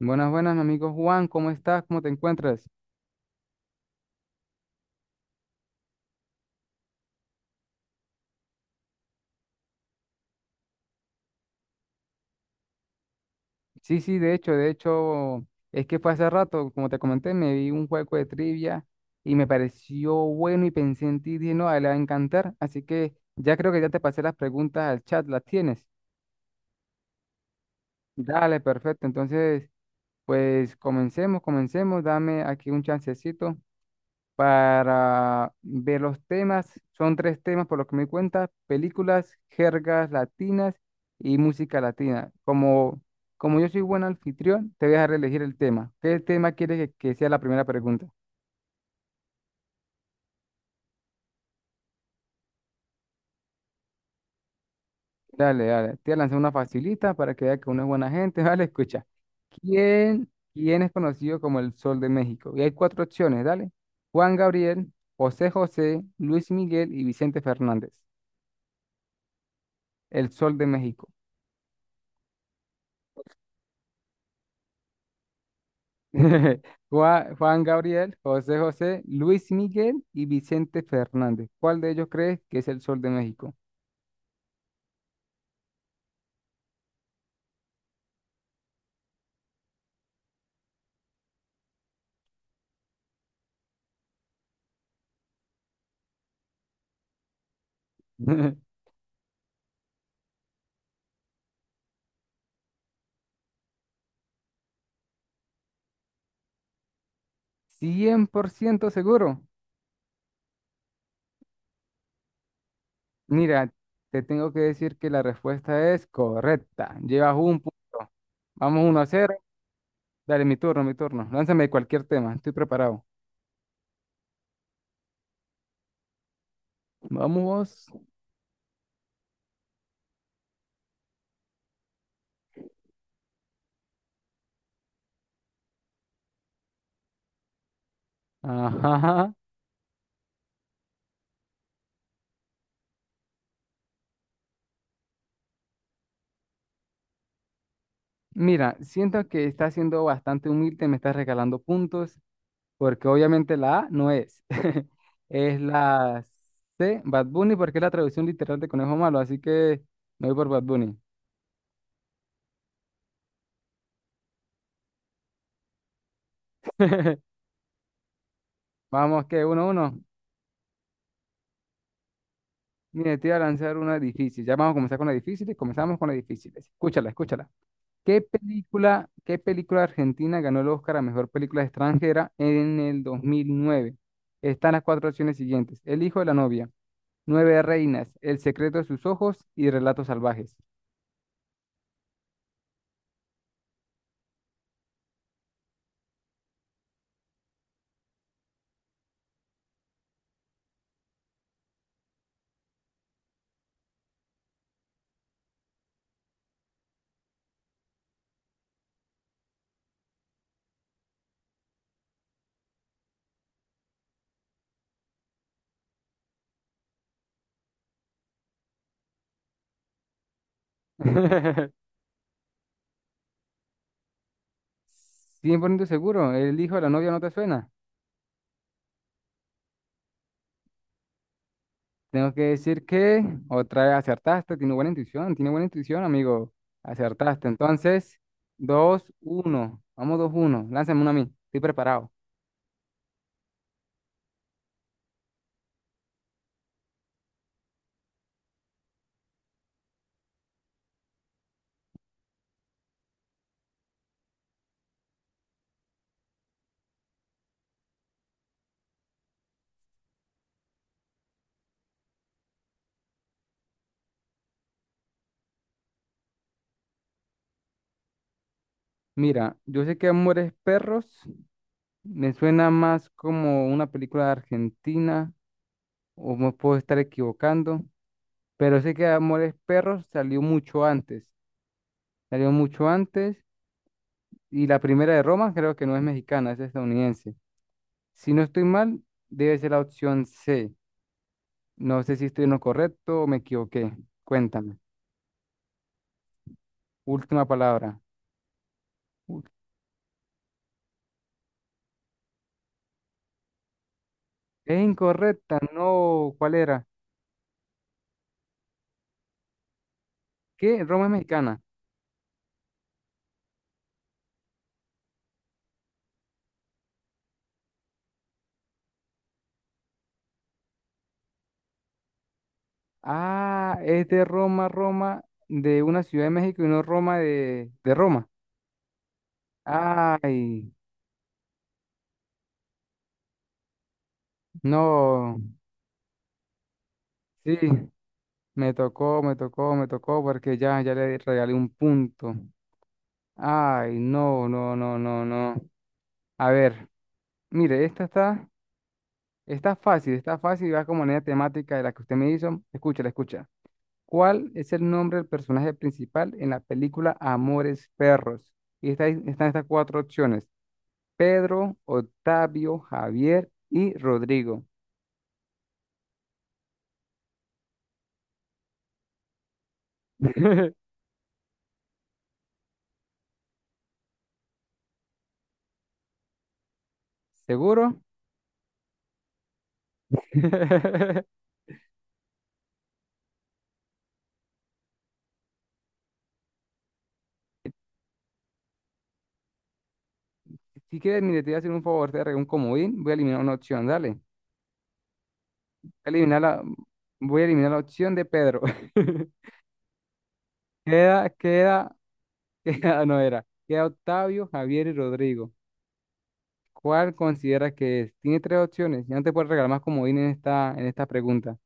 Buenas, buenas, mi amigo Juan, ¿cómo estás? ¿Cómo te encuentras? Sí, sí, de hecho, es que fue hace rato, como te comenté, me vi un juego de trivia y me pareció bueno y pensé en ti, dije, no, a él le va a encantar, así que ya creo que ya te pasé las preguntas al chat, ¿las tienes? Dale, perfecto, entonces, pues comencemos, comencemos, dame aquí un chancecito para ver los temas. Son tres temas por lo que me di cuenta, películas, jergas latinas y música latina. Como, como yo soy buen anfitrión, te voy a dejar elegir el tema. ¿Qué tema quieres que sea la primera pregunta? Dale, dale. Te voy a lanzar una facilita para que veas que uno es buena gente. Vale, escucha. ¿Quién, quién es conocido como el Sol de México? Y hay cuatro opciones, dale. Juan Gabriel, José José, Luis Miguel y Vicente Fernández. El Sol de México. Juan, Juan Gabriel, José José, Luis Miguel y Vicente Fernández. ¿Cuál de ellos crees que es el Sol de México? 100% seguro. Mira, te tengo que decir que la respuesta es correcta. Llevas un punto. Vamos 1-0. Dale, mi turno, mi turno. Lánzame cualquier tema. Estoy preparado. Vamos. Ajá. Mira, siento que estás siendo bastante humilde, me estás regalando puntos porque obviamente la A no es. Es la C, Bad Bunny, porque es la traducción literal de Conejo Malo, así que me voy por Bad Bunny. Vamos, que uno, a uno. Mire, te voy a lanzar una difícil. Ya vamos a comenzar con las difíciles. Comenzamos con las difíciles. Escúchala, escúchala. Qué película argentina ganó el Oscar a mejor película extranjera en el 2009? Están las cuatro opciones siguientes: El hijo de la novia, Nueve reinas, El secreto de sus ojos y Relatos salvajes. 100% seguro, el hijo de la novia no te suena. Tengo que decir que otra vez acertaste, tiene buena intuición, amigo. Acertaste. Entonces, 2-1. Vamos 2-1. Lánzame una a mí. Estoy preparado. Mira, yo sé que Amores Perros me suena más como una película de Argentina, o me puedo estar equivocando, pero sé que Amores Perros salió mucho antes. Salió mucho antes, y la primera de Roma creo que no es mexicana, es estadounidense. Si no estoy mal, debe ser la opción C. No sé si estoy en lo correcto o me equivoqué. Cuéntame. Última palabra. Ul- Es incorrecta, no. ¿Cuál era? ¿Qué? Roma es mexicana. Ah, es de Roma, Roma, de una ciudad de México y no Roma de Roma. Ay, no. Sí, me tocó, me tocó, me tocó porque ya, ya le regalé un punto. Ay, no, no, no, no, no. A ver, mire, esta está. Está fácil y va como manera temática de la que usted me hizo. Escúchala, escucha. ¿Cuál es el nombre del personaje principal en la película Amores Perros? Y está, ahí- están estas cuatro opciones: Pedro, Octavio, Javier y Rodrigo. ¿Seguro? Si quieres, mire, te voy a hacer un favor, te voy a regalar un comodín. Voy a eliminar una opción, dale. A eliminar la, voy a eliminar la opción de Pedro. Queda, queda, queda, no era. Queda Octavio, Javier y Rodrigo. ¿Cuál considera que es? Tiene tres opciones. Ya no te puedo regalar más comodín en esta pregunta.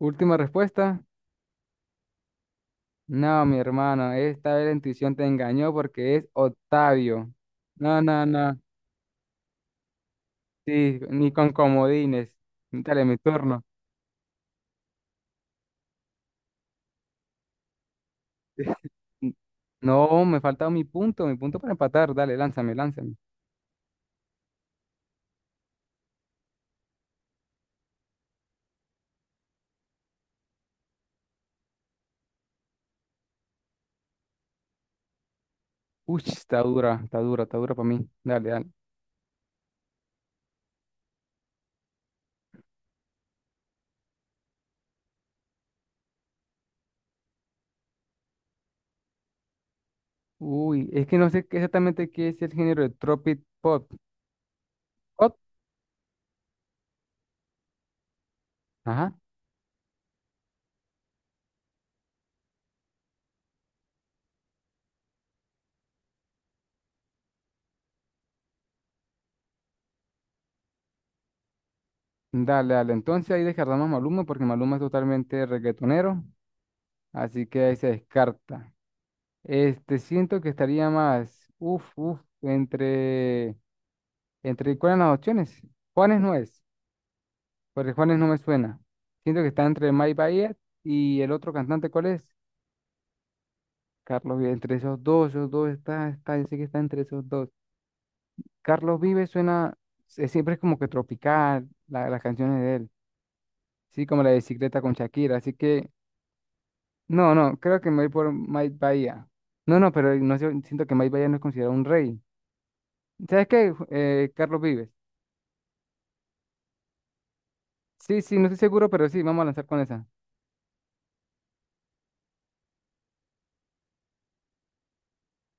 Última respuesta. No, mi hermano, esta vez la intuición te engañó porque es Octavio. No, no, no. Sí, ni con comodines. Dale, mi turno. No, me falta mi punto para empatar. Dale, lánzame, lánzame. Uy, está dura, está dura, está dura para mí. Dale, dale. Uy, es que no sé qué- exactamente qué es el género de Tropic Pop. ¿Pop? Ajá. Dale, dale. Entonces ahí descartamos a Maluma porque Maluma es totalmente reggaetonero. Así que ahí se descarta. Este, siento que estaría más, uff, uff, entre, ¿cuáles son las opciones? Juanes no es, porque Juanes no me suena. Siento que está entre Mike Bahía y el otro cantante, ¿cuál es? Carlos Vives, entre esos dos está, está, yo sé que está entre esos dos. Carlos Vives suena, se- siempre es como que tropical, la- las canciones de él. Sí, como la de bicicleta con Shakira, así que no, no, creo que me voy por Mike Bahía. No, no, pero no sé, siento que Mike Bahía no es considerado un rey. ¿Sabes qué? Ju- Carlos Vives. Sí, sí, no estoy seguro, pero sí, vamos a lanzar con esa.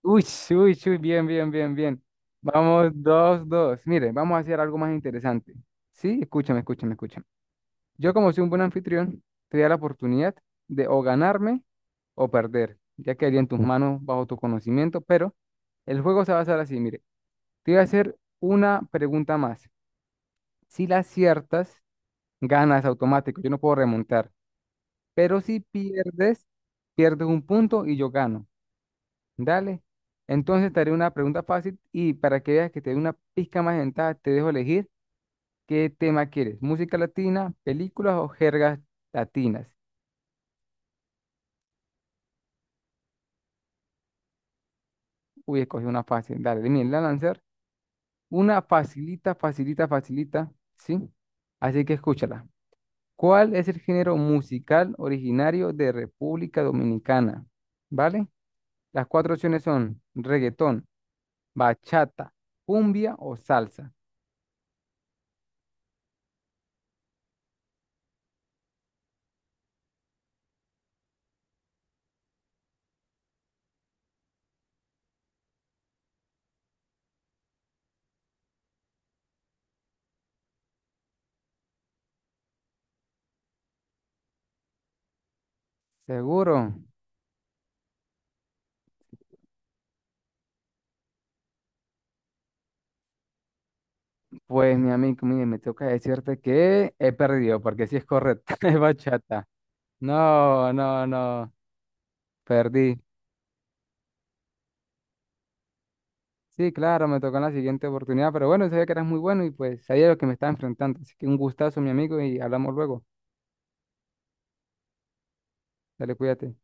Uy, uy, uy, bien, bien, bien, bien. Vamos, 2-2. Mire, vamos a hacer algo más interesante. Sí, escúchame, escúchame, escúchame. Yo, como soy un buen anfitrión, te da la oportunidad de o ganarme o perder. Ya quedaría en tus manos bajo tu conocimiento, pero el juego se va a hacer así, mire. Te voy a hacer una pregunta más. Si la aciertas, ganas automático. Yo no puedo remontar. Pero si pierdes, pierdes un punto y yo gano. Dale. Entonces te haré una pregunta fácil y para que veas que te dé una pizca más de ventaja, te dejo elegir qué tema quieres. ¿Música latina, películas o jergas latinas? Uy, escogí una fácil. Dale, miren, la lanzar. Una facilita, facilita, facilita. ¿Sí? Así que escúchala. ¿Cuál es el género musical originario de República Dominicana? ¿Vale? Las cuatro opciones son reggaetón, bachata, cumbia o salsa. ¿Seguro? Pues mi amigo, mire, me toca decirte que he perdido, porque si es correcta, es bachata. No, no, no, perdí. Sí, claro, me tocó en la siguiente oportunidad, pero bueno, sabía que eras muy bueno y pues sabía lo que me estaba enfrentando. Así que un gustazo, mi amigo, y hablamos luego. Dale, cuídate.